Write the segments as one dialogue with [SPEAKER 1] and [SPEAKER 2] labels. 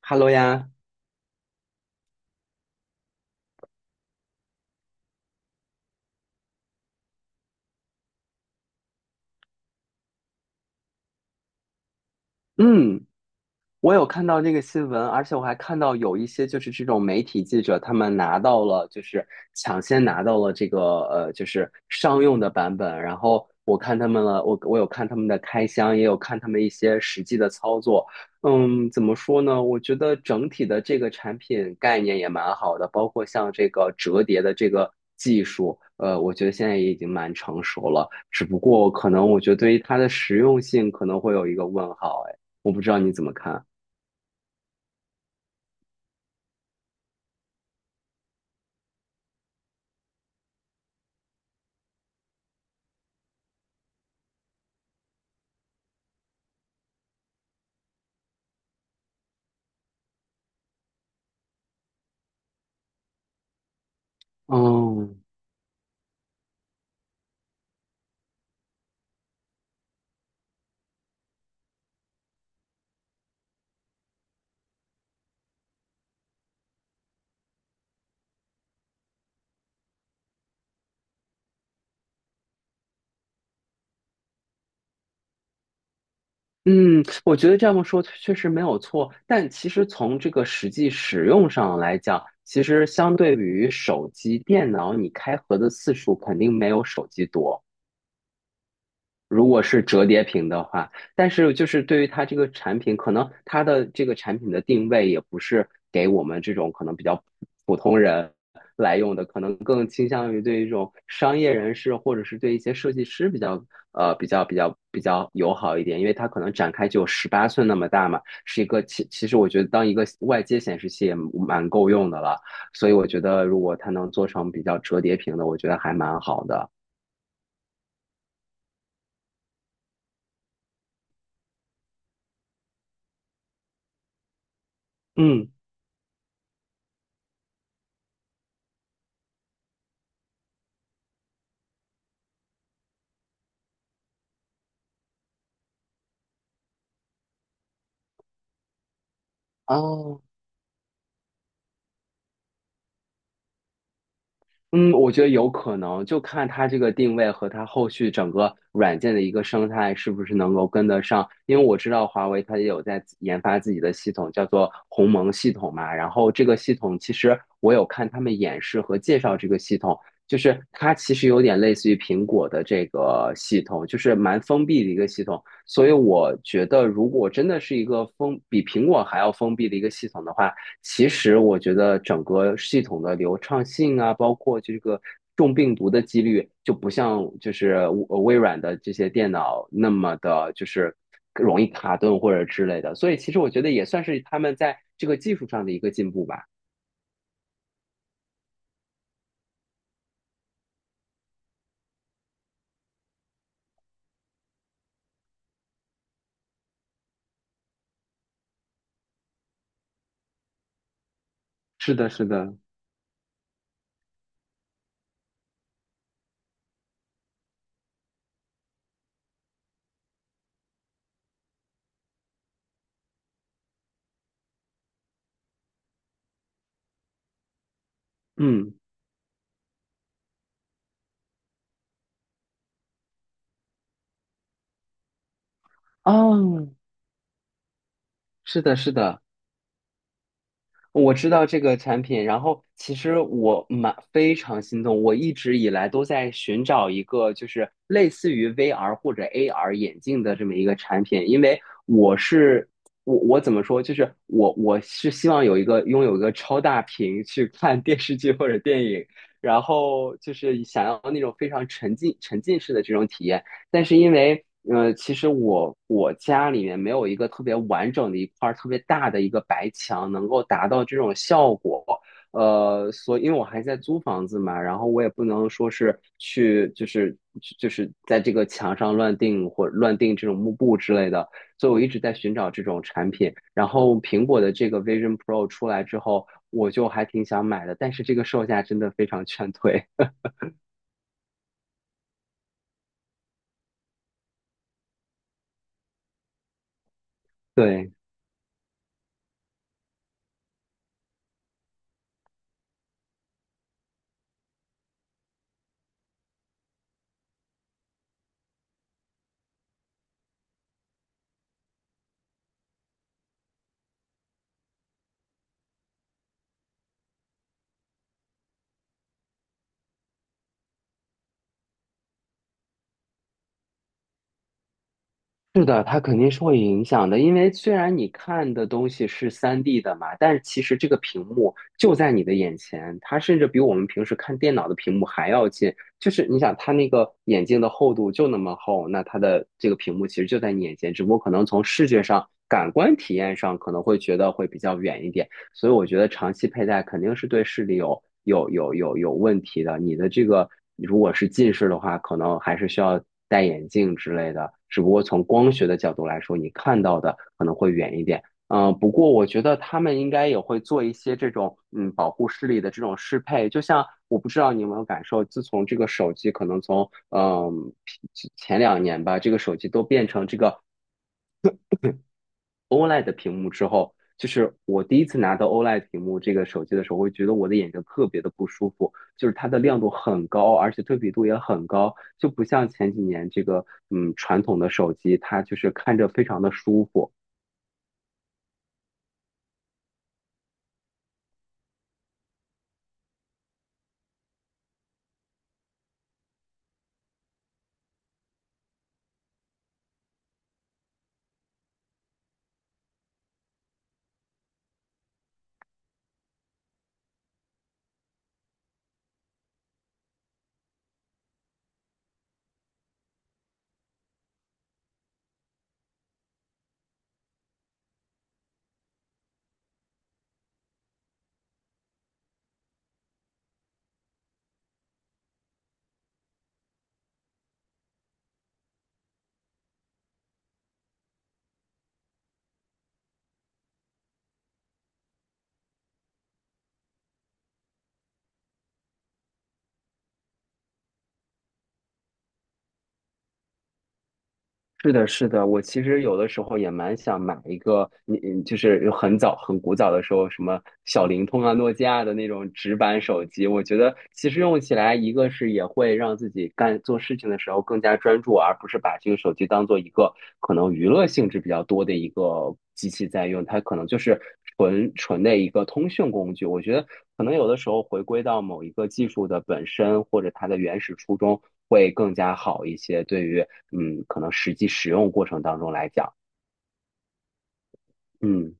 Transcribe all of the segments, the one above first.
[SPEAKER 1] Hello 呀，嗯，我有看到这个新闻，而且我还看到有一些就是这种媒体记者，他们拿到了就是抢先拿到了这个就是商用的版本，然后我有看他们的开箱，也有看他们一些实际的操作。怎么说呢？我觉得整体的这个产品概念也蛮好的，包括像这个折叠的这个技术，我觉得现在也已经蛮成熟了，只不过可能我觉得对于它的实用性可能会有一个问号。哎，我不知道你怎么看。哦，嗯，我觉得这么说确实没有错，但其实从这个实际使用上来讲，其实相对于手机、电脑，你开合的次数肯定没有手机多。如果是折叠屏的话，但是就是对于它这个产品，可能它的这个产品的定位也不是给我们这种可能比较普通人来用的，可能更倾向于对一种商业人士或者是对一些设计师比较友好一点，因为它可能展开只有18寸那么大嘛，是一个其实我觉得当一个外接显示器也蛮够用的了，所以我觉得如果它能做成比较折叠屏的，我觉得还蛮好的。嗯，哦嗯，我觉得有可能，就看它这个定位和它后续整个软件的一个生态是不是能够跟得上。因为我知道华为它也有在自研发自己的系统，叫做鸿蒙系统嘛。然后这个系统其实我有看他们演示和介绍这个系统，就是它其实有点类似于苹果的这个系统，就是蛮封闭的一个系统。所以我觉得，如果真的是一个封比苹果还要封闭的一个系统的话，其实我觉得整个系统的流畅性啊，包括这个中病毒的几率，就不像就是微软的这些电脑那么的，就是容易卡顿或者之类的。所以其实我觉得也算是他们在这个技术上的一个进步吧。是的，是的，嗯，哦，是的，是的。我知道这个产品，然后其实我蛮非常心动，我一直以来都在寻找一个就是类似于 VR 或者 AR 眼镜的这么一个产品，因为我是我我怎么说，就是我是希望有一个拥有一个超大屏去看电视剧或者电影，然后就是想要那种非常沉浸式的这种体验。但是因为其实我家里面没有一个特别完整的一块儿特别大的一个白墙，能够达到这种效果。所以因为我还在租房子嘛，然后我也不能说是去就是在这个墙上乱定或乱定这种幕布之类的，所以我一直在寻找这种产品。然后苹果的这个 Vision Pro 出来之后，我就还挺想买的，但是这个售价真的非常劝退。对。是的，它肯定是会影响的，因为虽然你看的东西是 3D 的嘛，但是其实这个屏幕就在你的眼前，它甚至比我们平时看电脑的屏幕还要近。就是你想，它那个眼镜的厚度就那么厚，那它的这个屏幕其实就在你眼前，只不过可能从视觉上、感官体验上可能会觉得会比较远一点，所以我觉得长期佩戴肯定是对视力有问题的。你的这个如果是近视的话，可能还是需要戴眼镜之类的。只不过从光学的角度来说，你看到的可能会远一点。不过我觉得他们应该也会做一些这种保护视力的这种适配，就像我不知道你有没有感受，自从这个手机可能从前两年吧，这个手机都变成这个 OLED 的屏幕之后，就是我第一次拿到 OLED 屏幕这个手机的时候，我会觉得我的眼睛特别的不舒服，就是它的亮度很高，而且对比度也很高，就不像前几年这个传统的手机，它就是看着非常的舒服。是的，是的，我其实有的时候也蛮想买一个，你就是有很早很古早的时候，什么小灵通啊、诺基亚的那种直板手机，我觉得其实用起来，一个是也会让自己干做事情的时候更加专注，而不是把这个手机当做一个可能娱乐性质比较多的一个机器在用，它可能就是纯纯的一个通讯工具。我觉得可能有的时候回归到某一个技术的本身或者它的原始初衷会更加好一些，对于可能实际使用过程当中来讲，嗯。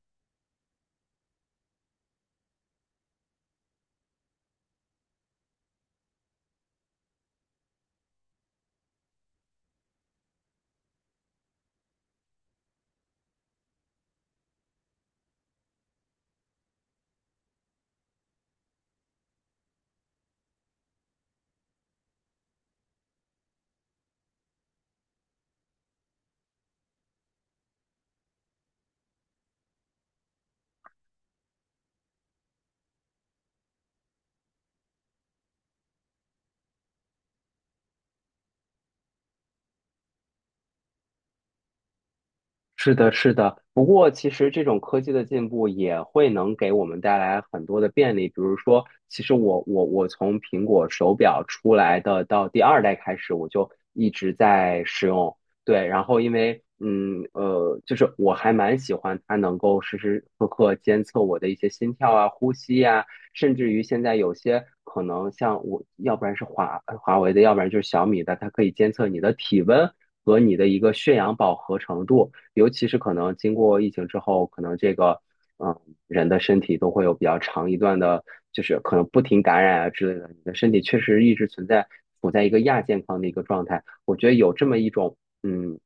[SPEAKER 1] 是的，是的。不过，其实这种科技的进步也会能给我们带来很多的便利。比如说，其实我从苹果手表出来的到第二代开始，我就一直在使用，对，然后因为就是我还蛮喜欢它能够时时刻刻监测我的一些心跳啊、呼吸呀、甚至于现在有些可能像我，要不然是华为的，要不然就是小米的，它可以监测你的体温和你的一个血氧饱和程度，尤其是可能经过疫情之后，可能这个嗯人的身体都会有比较长一段的，就是可能不停感染啊之类的，你的身体确实一直处在一个亚健康的一个状态。我觉得有这么一种嗯，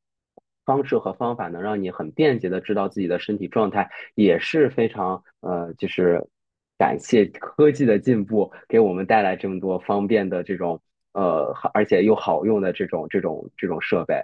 [SPEAKER 1] 方式和方法能让你很便捷的知道自己的身体状态，也是非常就是感谢科技的进步，给我们带来这么多方便的这种而且又好用的这种设备。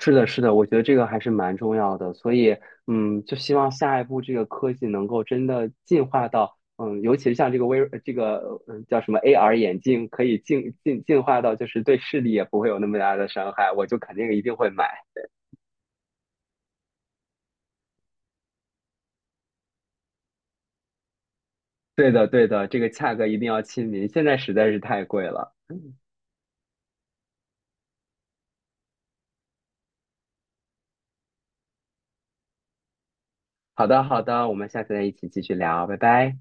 [SPEAKER 1] 是的，是的，我觉得这个还是蛮重要的，所以就希望下一步这个科技能够真的进化到。嗯，尤其是像这个微这个嗯叫什么 AR 眼镜，可以进化到就是对视力也不会有那么大的伤害，我就肯定一定会买。对的，对的，这个价格一定要亲民，现在实在是太贵了。好的，好的，我们下次再一起继续聊，拜拜。